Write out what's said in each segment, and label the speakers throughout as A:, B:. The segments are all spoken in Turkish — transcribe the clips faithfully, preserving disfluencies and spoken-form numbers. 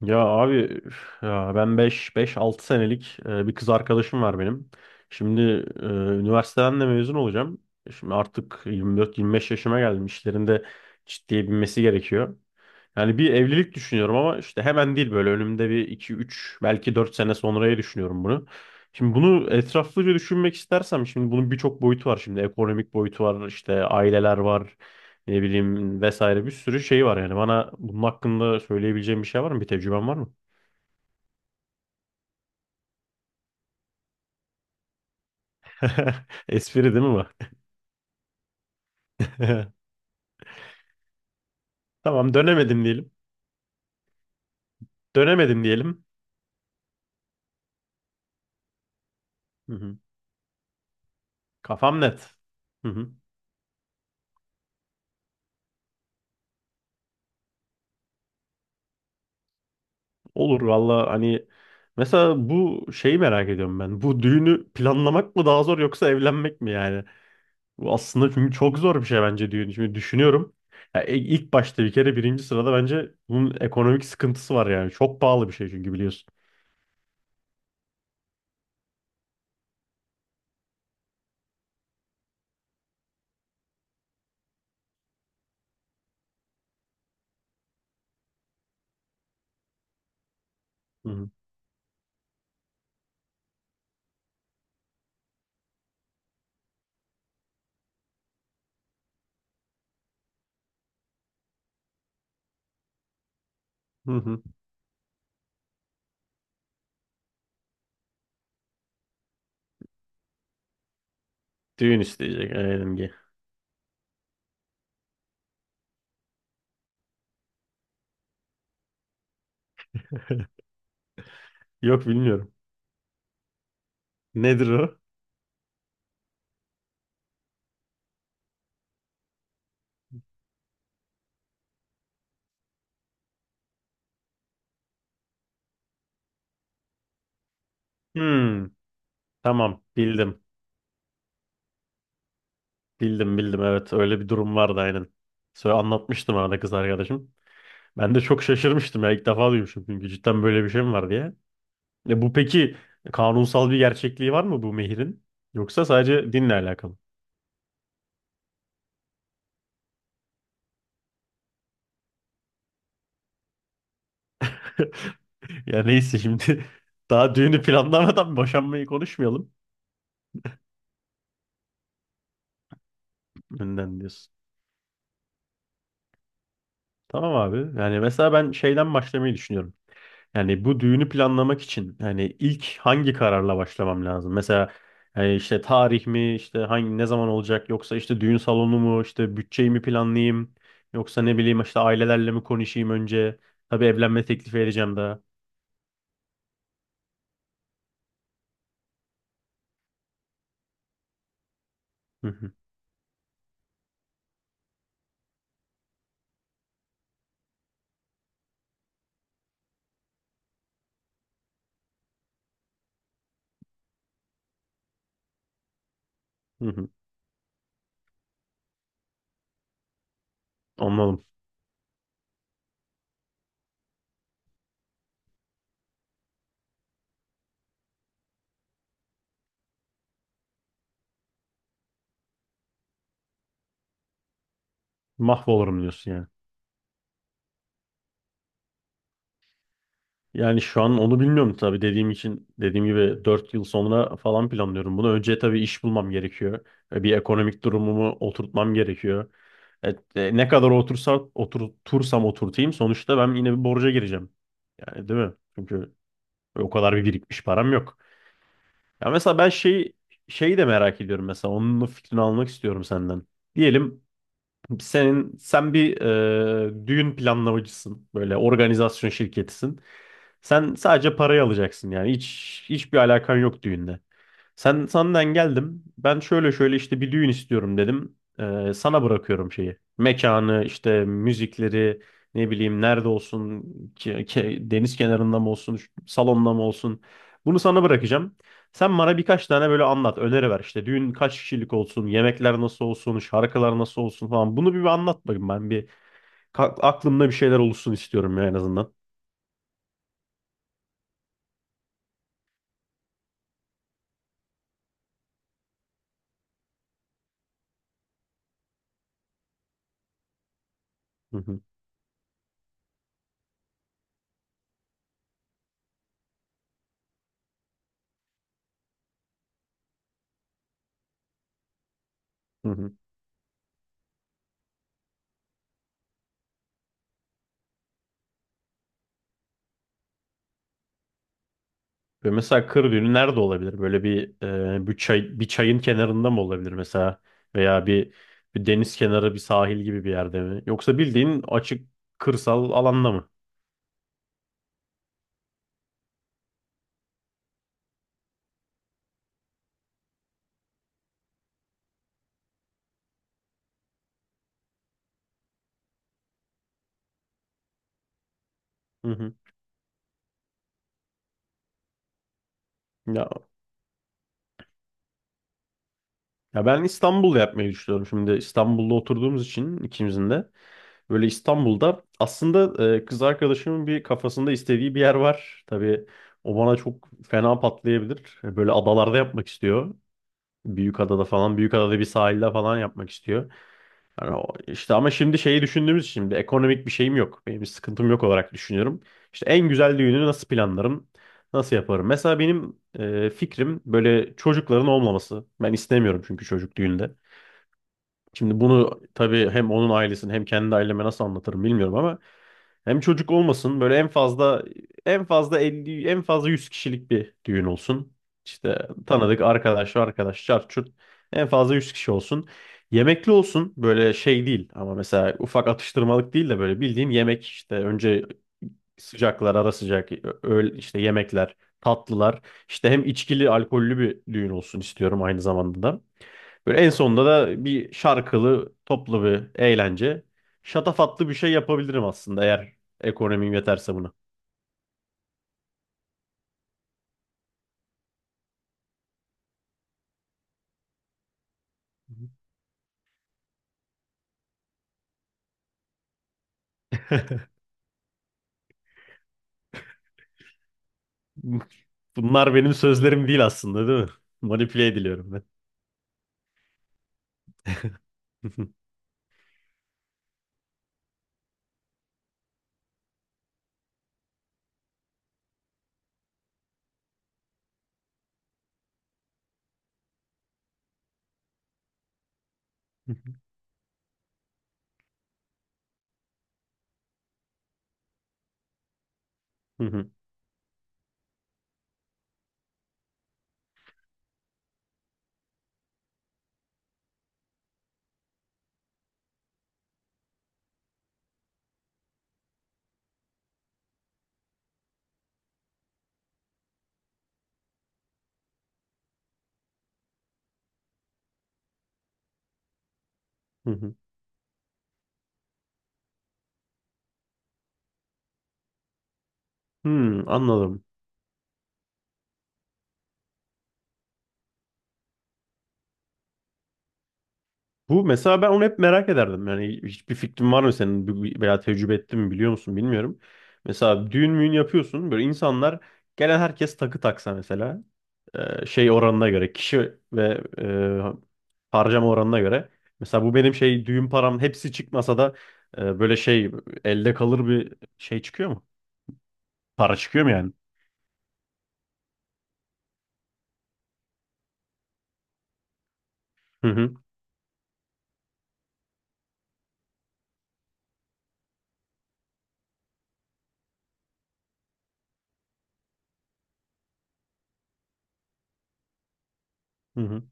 A: Ya abi üf, ya ben beş beş altı senelik e, bir kız arkadaşım var benim. Şimdi e, üniversiteden de mezun olacağım. Şimdi artık yirmi dört yirmi beş yaşıma geldim. İşlerinde ciddiye binmesi gerekiyor. Yani bir evlilik düşünüyorum ama işte hemen değil böyle önümde bir iki üç belki dört sene sonraya düşünüyorum bunu. Şimdi bunu etraflıca düşünmek istersem şimdi bunun birçok boyutu var. Şimdi ekonomik boyutu var işte aileler var, ne bileyim vesaire bir sürü şey var yani. Bana bunun hakkında söyleyebileceğim bir şey var mı? Bir tecrüben var mı? Espri değil mi bu? Tamam, dönemedim diyelim. Dönemedim diyelim. Hı hı. Kafam net. Hı hı. Olur valla, hani mesela bu şeyi merak ediyorum ben. Bu düğünü planlamak mı daha zor yoksa evlenmek mi yani? Bu aslında çünkü çok zor bir şey bence düğün. Şimdi düşünüyorum. Ya e- ilk başta bir kere birinci sırada bence bunun ekonomik sıkıntısı var yani. Çok pahalı bir şey çünkü biliyorsun. Hı hı. Hı hı. Düğün isteyecek L N G. Yok, bilmiyorum. Nedir o? Hmm, tamam bildim. Bildim bildim, evet, öyle bir durum vardı aynen. Söyle anlatmıştım arada kız arkadaşım. Ben de çok şaşırmıştım ya, ilk defa duymuşum çünkü, cidden böyle bir şey mi var diye. E bu peki, kanunsal bir gerçekliği var mı bu mehirin? Yoksa sadece dinle alakalı? Ya neyse şimdi daha düğünü planlamadan boşanmayı konuşmayalım, önden diyorsun. Tamam abi. Yani mesela ben şeyden başlamayı düşünüyorum. Yani bu düğünü planlamak için yani ilk hangi kararla başlamam lazım? Mesela yani işte tarih mi, işte hangi ne zaman olacak, yoksa işte düğün salonu mu, işte bütçeyi mi planlayayım yoksa ne bileyim işte ailelerle mi konuşayım önce? Tabii evlenme teklifi edeceğim daha. Hı hı, hı hı. Anladım. Mahvolurum diyorsun yani. Yani şu an onu bilmiyorum tabii, dediğim için, dediğim gibi dört yıl sonra falan planlıyorum bunu. Önce tabii iş bulmam gerekiyor. E, Bir ekonomik durumumu oturtmam gerekiyor. Evet, e, ne kadar otursa, oturtursam oturtayım, sonuçta ben yine bir borca gireceğim. Yani değil mi? Çünkü o kadar bir birikmiş param yok. Ya mesela ben şey, şeyi de merak ediyorum mesela, onun da fikrini almak istiyorum senden. Diyelim senin sen bir e, düğün planlamacısın. Böyle organizasyon şirketisin. Sen sadece parayı alacaksın, yani hiç, hiçbir alakan yok düğünle. Sen senden geldim. Ben şöyle şöyle işte bir düğün istiyorum dedim. Ee, sana bırakıyorum şeyi. Mekanı, işte müzikleri, ne bileyim nerede olsun, ke- ke- deniz kenarında mı olsun, ş- salonda mı olsun. Bunu sana bırakacağım. Sen bana birkaç tane böyle anlat, öneri ver. İşte düğün kaç kişilik olsun, yemekler nasıl olsun, şarkılar nasıl olsun falan. Bunu bir, bir anlat bakayım ben. Bir ka- aklımda bir şeyler oluşsun istiyorum ya, en azından. Hı hı. Hı hı. Böyle mesela kır düğünü nerede olabilir? Böyle bir e, bir çay, bir çayın kenarında mı olabilir mesela? Veya bir, bir deniz kenarı, bir sahil gibi bir yerde mi? Yoksa bildiğin açık kırsal alanda mı? Hı hı. Ya, ya ben İstanbul yapmayı düşünüyorum. Şimdi İstanbul'da oturduğumuz için ikimizin de, böyle İstanbul'da aslında e, kız arkadaşımın bir kafasında istediği bir yer var. Tabii o bana çok fena patlayabilir. E, böyle adalarda yapmak istiyor. Büyükada'da falan, Büyükada'da bir sahilde falan yapmak istiyor. Yani o- işte, ama şimdi şeyi düşündüğümüz için şimdi ekonomik bir şeyim yok. Benim bir sıkıntım yok olarak düşünüyorum. İşte en güzel düğünü nasıl planlarım? Nasıl yaparım? Mesela benim e, fikrim böyle çocukların olmaması. Ben istemiyorum çünkü çocuk düğünde. Şimdi bunu tabii hem onun ailesini hem kendi aileme nasıl anlatırım bilmiyorum ama, hem çocuk olmasın, böyle en fazla en fazla elli, en fazla yüz kişilik bir düğün olsun. İşte tanıdık arkadaş arkadaş çarçurt çurt, en fazla yüz kişi olsun. Yemekli olsun, böyle şey değil, ama mesela ufak atıştırmalık değil de böyle bildiğin yemek, işte önce sıcaklar, ara sıcak, öğle, işte yemekler, tatlılar, işte hem içkili, alkollü bir düğün olsun istiyorum aynı zamanda da. Böyle en sonunda da bir şarkılı, toplu bir eğlence. Şatafatlı bir şey yapabilirim aslında eğer ekonomim yeterse buna. Bunlar benim sözlerim değil aslında, değil mi? Manipüle ediliyorum ben. Hmm, anladım. Bu mesela, ben onu hep merak ederdim. Yani hiçbir fikrin var mı senin? Bu- bu- veya tecrübe ettin mi, biliyor musun, bilmiyorum. Mesela düğün müğün yapıyorsun, böyle insanlar, gelen herkes takı taksa mesela. E, şey, oranına göre kişi ve e, harcama oranına göre. Mesela bu benim şey, düğün param hepsi çıkmasa da e, böyle şey, elde kalır bir şey çıkıyor mu? Para çıkıyor mu yani? Hı hı. Hı hı.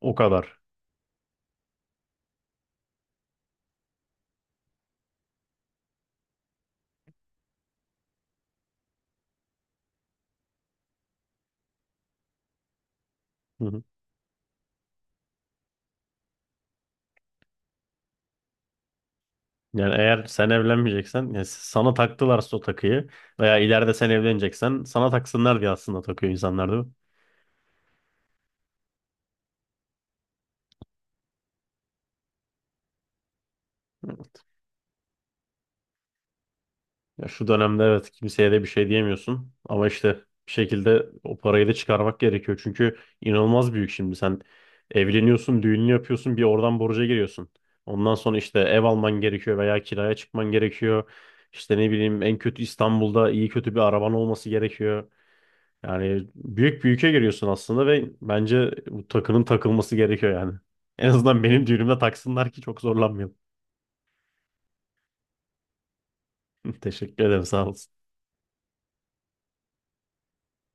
A: O kadar. Hı hı. Yani eğer sen evlenmeyeceksen, yani sana taktılarsa o takıyı, veya ileride sen evleneceksen sana taksınlar diye aslında takıyor insanlar, değil mi? Ya şu dönemde evet, kimseye de bir şey diyemiyorsun, ama işte bir şekilde o parayı da çıkarmak gerekiyor. Çünkü inanılmaz büyük, şimdi sen evleniyorsun, düğününü yapıyorsun, bir oradan borca giriyorsun. Ondan sonra işte ev alman gerekiyor veya kiraya çıkman gerekiyor. İşte ne bileyim, en kötü İstanbul'da iyi kötü bir araban olması gerekiyor. Yani büyük bir ülke giriyorsun aslında, ve bence bu takının takılması gerekiyor yani. En azından benim düğünümde taksınlar ki çok zorlanmayalım. Teşekkür ederim, sağ olun.